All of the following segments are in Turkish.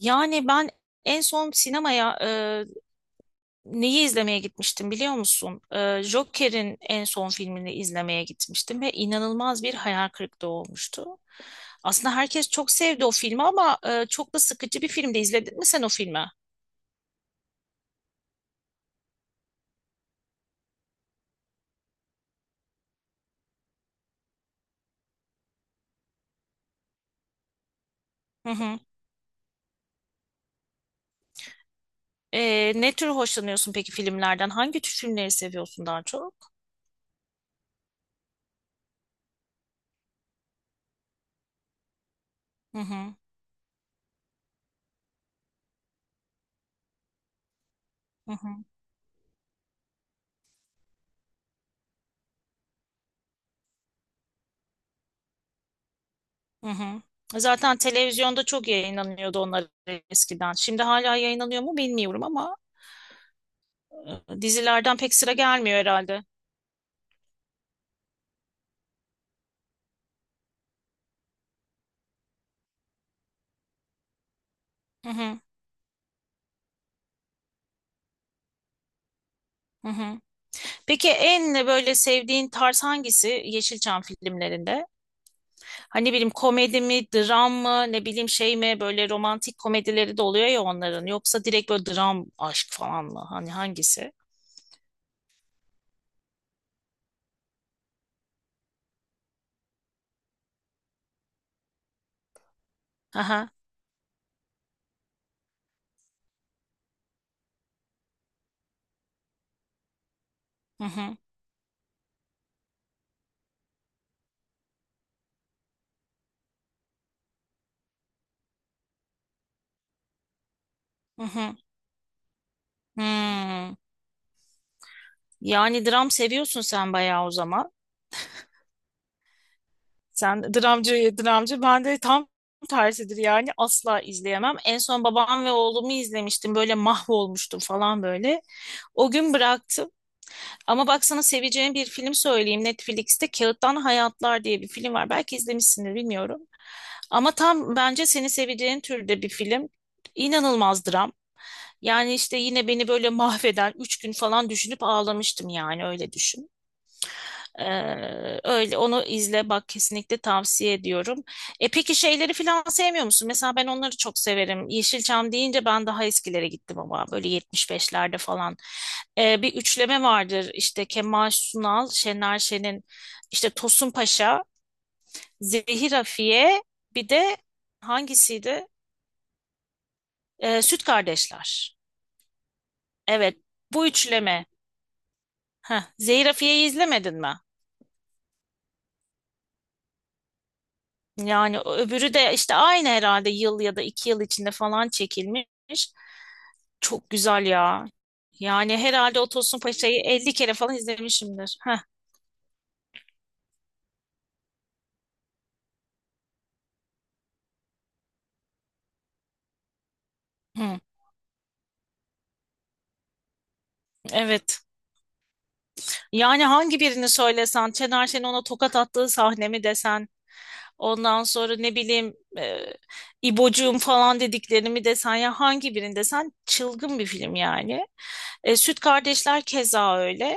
Yani ben en son sinemaya neyi izlemeye gitmiştim biliyor musun? Joker'in en son filmini izlemeye gitmiştim ve inanılmaz bir hayal kırıklığı olmuştu. Aslında herkes çok sevdi o filmi ama çok da sıkıcı bir filmdi. İzledin mi sen o filmi? Hı hı. Ne tür hoşlanıyorsun peki filmlerden? Hangi tür filmleri seviyorsun daha çok? Hı hı. Hı hı. Hı hı. Zaten televizyonda çok yayınlanıyordu onlar eskiden. Şimdi hala yayınlanıyor mu bilmiyorum ama. Dizilerden pek sıra gelmiyor herhalde. Hı hı. Hı hı. Peki en böyle sevdiğin tarz hangisi Yeşilçam filmlerinde? Hani ne bileyim komedi mi, dram mı, ne bileyim şey mi, böyle romantik komedileri de oluyor ya onların. Yoksa direkt böyle dram, aşk falan mı? Hani hangisi? Aha. Hı hı. Hı hı. Hmm. Yani dram seviyorsun sen bayağı o zaman. Sen dramcı, dramcı. Ben de tam tersidir yani, asla izleyemem. En son babam ve oğlumu izlemiştim. Böyle mahvolmuştum falan böyle. O gün bıraktım. Ama baksana, seveceğin bir film söyleyeyim. Netflix'te Kağıttan Hayatlar diye bir film var. Belki izlemişsindir, bilmiyorum. Ama tam bence seni seveceğin türde bir film. İnanılmaz dram. Yani işte yine beni böyle mahveden, 3 gün falan düşünüp ağlamıştım, yani öyle düşün. Öyle, onu izle bak, kesinlikle tavsiye ediyorum. E peki şeyleri falan sevmiyor musun? Mesela ben onları çok severim. Yeşilçam deyince ben daha eskilere gittim ama, böyle 75'lerde falan. Bir üçleme vardır işte Kemal Sunal, Şener Şen'in işte Tosun Paşa, Zehir Afiye, bir de hangisiydi? Süt Kardeşler. Evet, bu üçleme. Heh, Zehir Afiye'yi izlemedin mi? Yani öbürü de işte aynı herhalde yıl ya da iki yıl içinde falan çekilmiş. Çok güzel ya. Yani herhalde o Tosun Paşa'yı 50 kere falan izlemişimdir. Heh. Hı, evet. Yani hangi birini söylesen, Şener Şen'in ona tokat attığı sahne mi desen, ondan sonra ne bileyim İbocuğum falan dediklerini mi desen, ya hangi birini desen, çılgın bir film yani. Süt Kardeşler keza öyle.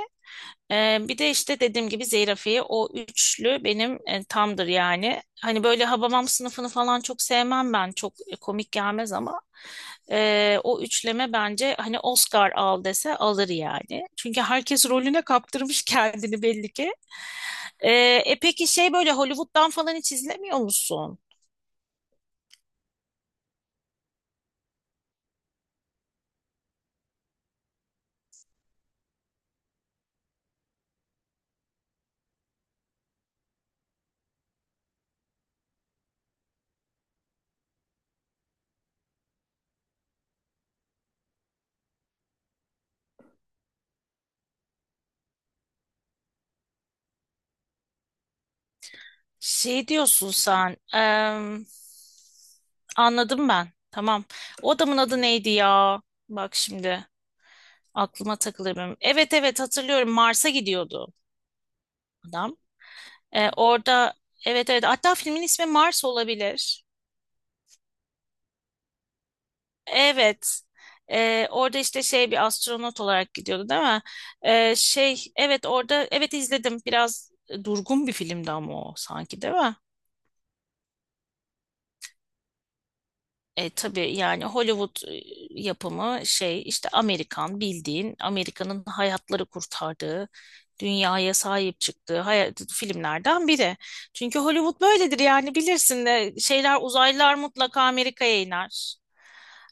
Bir de işte dediğim gibi zeyrafiye, o üçlü benim tamdır yani. Hani böyle Habamam sınıfını falan çok sevmem ben. Çok komik gelmez ama o üçleme bence hani Oscar al dese alır yani. Çünkü herkes rolüne kaptırmış kendini belli ki. Ee, E peki şey böyle Hollywood'dan falan hiç izlemiyor musun? Şey diyorsun sen. Anladım ben. Tamam. O adamın adı neydi ya? Bak şimdi. Aklıma takılır benim. Evet evet, hatırlıyorum, Mars'a gidiyordu adam. Orada evet evet, hatta filmin ismi Mars olabilir. Evet. Orada işte şey bir astronot olarak gidiyordu değil mi? Şey, evet orada, evet izledim. Biraz durgun bir filmdi ama o, sanki değil mi? Tabii yani Hollywood yapımı şey işte Amerikan, bildiğin Amerika'nın hayatları kurtardığı, dünyaya sahip çıktığı hayat, filmlerden biri. Çünkü Hollywood böyledir yani, bilirsin de şeyler, uzaylılar mutlaka Amerika'ya iner.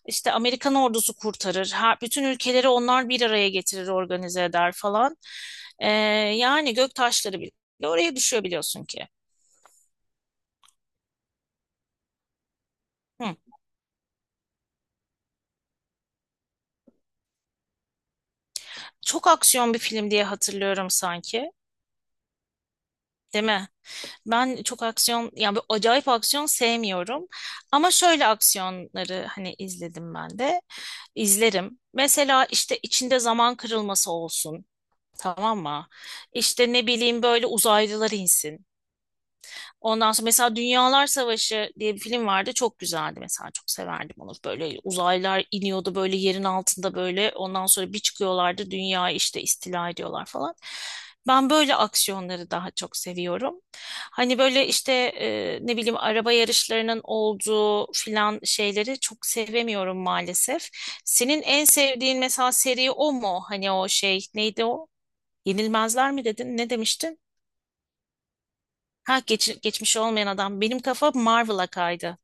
İşte Amerikan ordusu kurtarır. Her, bütün ülkeleri onlar bir araya getirir, organize eder falan. E, Yani gök taşları bile oraya düşüyor biliyorsun ki. Hı. Çok aksiyon bir film diye hatırlıyorum sanki, değil mi? Ben çok aksiyon, yani bir acayip aksiyon sevmiyorum. Ama şöyle aksiyonları hani izledim ben de. İzlerim. Mesela işte içinde zaman kırılması olsun. Tamam mı? İşte ne bileyim böyle uzaylılar insin. Ondan sonra mesela Dünyalar Savaşı diye bir film vardı. Çok güzeldi mesela. Çok severdim onu. Böyle uzaylılar iniyordu böyle, yerin altında böyle. Ondan sonra bir çıkıyorlardı, dünyayı işte istila ediyorlar falan. Ben böyle aksiyonları daha çok seviyorum. Hani böyle işte ne bileyim araba yarışlarının olduğu filan şeyleri çok sevemiyorum maalesef. Senin en sevdiğin mesela seri o mu? Hani o şey neydi o? Yenilmezler mi dedin? Ne demiştin? Geçmiş olmayan adam. Benim kafa Marvel'a kaydı.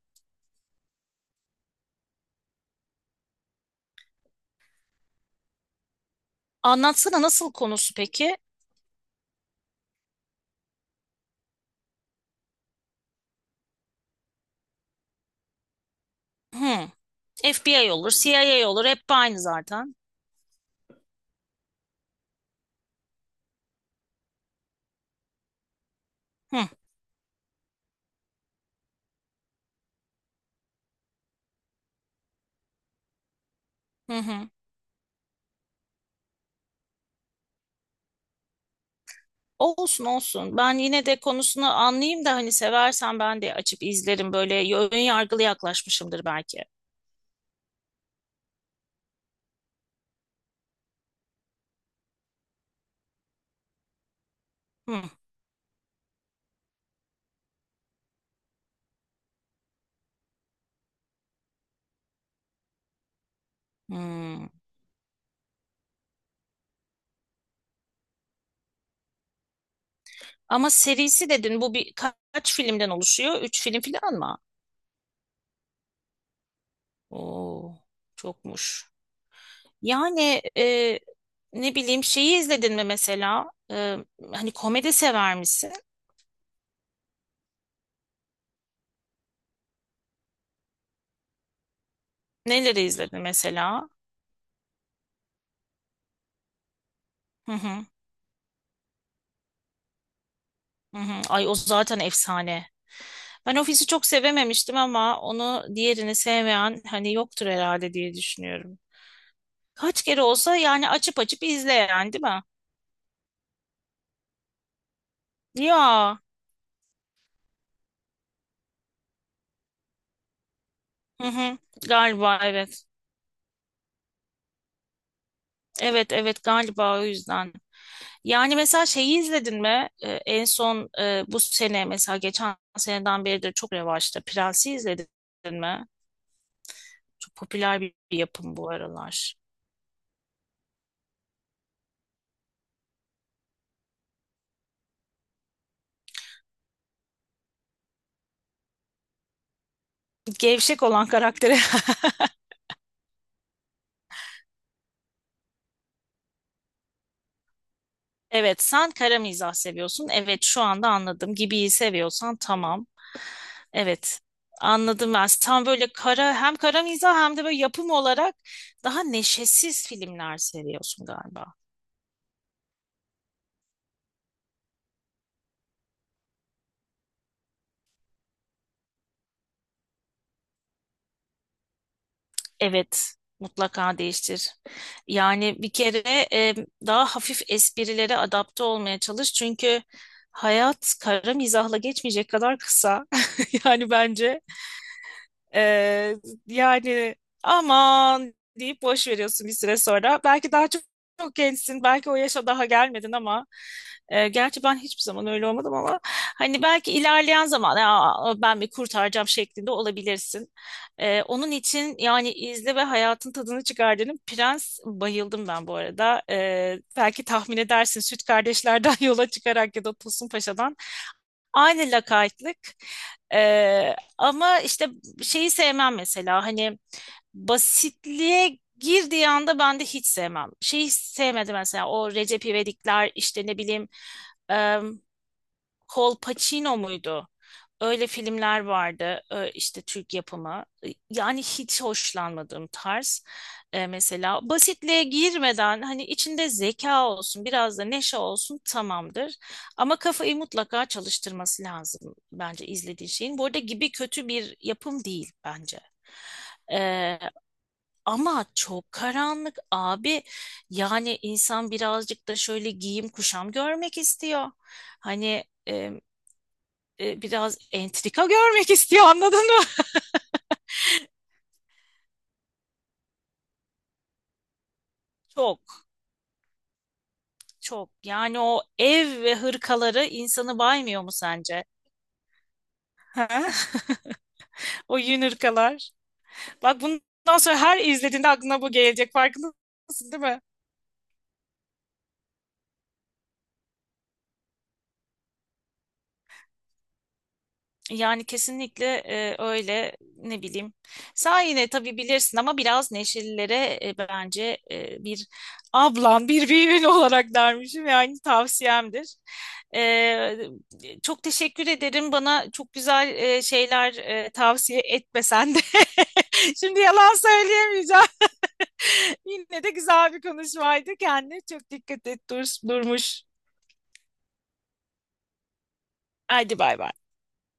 Anlatsana nasıl, konusu peki? Hmm. FBI olur, CIA olur. Hep aynı zaten. Hı, hı, hı. Olsun olsun. Ben yine de konusunu anlayayım da hani, seversen ben de açıp izlerim. Böyle ön yargılı yaklaşmışımdır belki. Hı, hı. Ama serisi dedin, bu bir kaç filmden oluşuyor? Üç film falan mı? Oo, çokmuş. Yani ne bileyim şeyi izledin mi mesela? Hani komedi sever misin? Neleri izledin mesela? Hı hı, hı hı. Ay o zaten efsane. Ben Ofis'i çok sevememiştim ama onu, diğerini sevmeyen hani yoktur herhalde diye düşünüyorum. Kaç kere olsa yani, açıp açıp izleyen, değil mi? Ya. Hı hı. Galiba evet. Evet evet, galiba o yüzden. Yani mesela şeyi izledin mi? En son bu sene mesela, geçen seneden beridir çok revaçta. Prens'i izledin mi? Çok popüler bir yapım bu aralar. Gevşek olan karakteri. Evet, sen kara mizah seviyorsun. Evet, şu anda anladım. Gibiyi seviyorsan tamam. Evet, anladım ben. Sen böyle kara, hem kara mizah hem de böyle yapım olarak daha neşesiz filmler seviyorsun galiba. Evet, mutlaka değiştir. Yani bir kere daha hafif esprilere adapte olmaya çalış. Çünkü hayat kara mizahla geçmeyecek kadar kısa. Yani bence. Ee, Yani, aman deyip boş veriyorsun bir süre sonra. Belki daha çok, çok gençsin, belki o yaşa daha gelmedin ama gerçi ben hiçbir zaman öyle olmadım ama hani belki ilerleyen zaman ya, ben bir kurtaracağım şeklinde olabilirsin. Onun için yani izle ve hayatın tadını çıkar dedim. Prens, bayıldım ben bu arada. Belki tahmin edersin Süt Kardeşler'den yola çıkarak ya da Tosun Paşa'dan. Aynı lakaytlık. Ama işte şeyi sevmem mesela, hani basitliğe girdiği anda ben de hiç sevmem. Şeyi sevmedim mesela, o Recep İvedikler, işte ne bileyim e, Colpacino muydu? Öyle filmler vardı işte Türk yapımı. E, yani hiç hoşlanmadığım tarz. Mesela basitliğe girmeden, hani içinde zeka olsun, biraz da neşe olsun, tamamdır. Ama kafayı mutlaka çalıştırması lazım bence izlediğin şeyin. Bu arada gibi kötü bir yapım değil bence. E, Ama çok karanlık abi. Yani insan birazcık da şöyle giyim kuşam görmek istiyor. Hani biraz entrika görmek istiyor, anladın mı? Çok çok yani, o ev ve hırkaları insanı baymıyor mu sence? Ha? O yün hırkalar. Bak bundan sonra her izlediğinde aklına bu gelecek, farkındasın değil mi? Yani kesinlikle öyle, ne bileyim. Sen yine tabii bilirsin ama biraz neşelilere bence bir ablan, bir büyüğün olarak dermişim, yani tavsiyemdir. E, Çok teşekkür ederim, bana çok güzel şeyler tavsiye etmesen de. Şimdi yalan söyleyemeyeceğim. Yine de güzel bir konuşmaydı. Kendine çok dikkat et. Dur, durmuş. Hadi bay bay.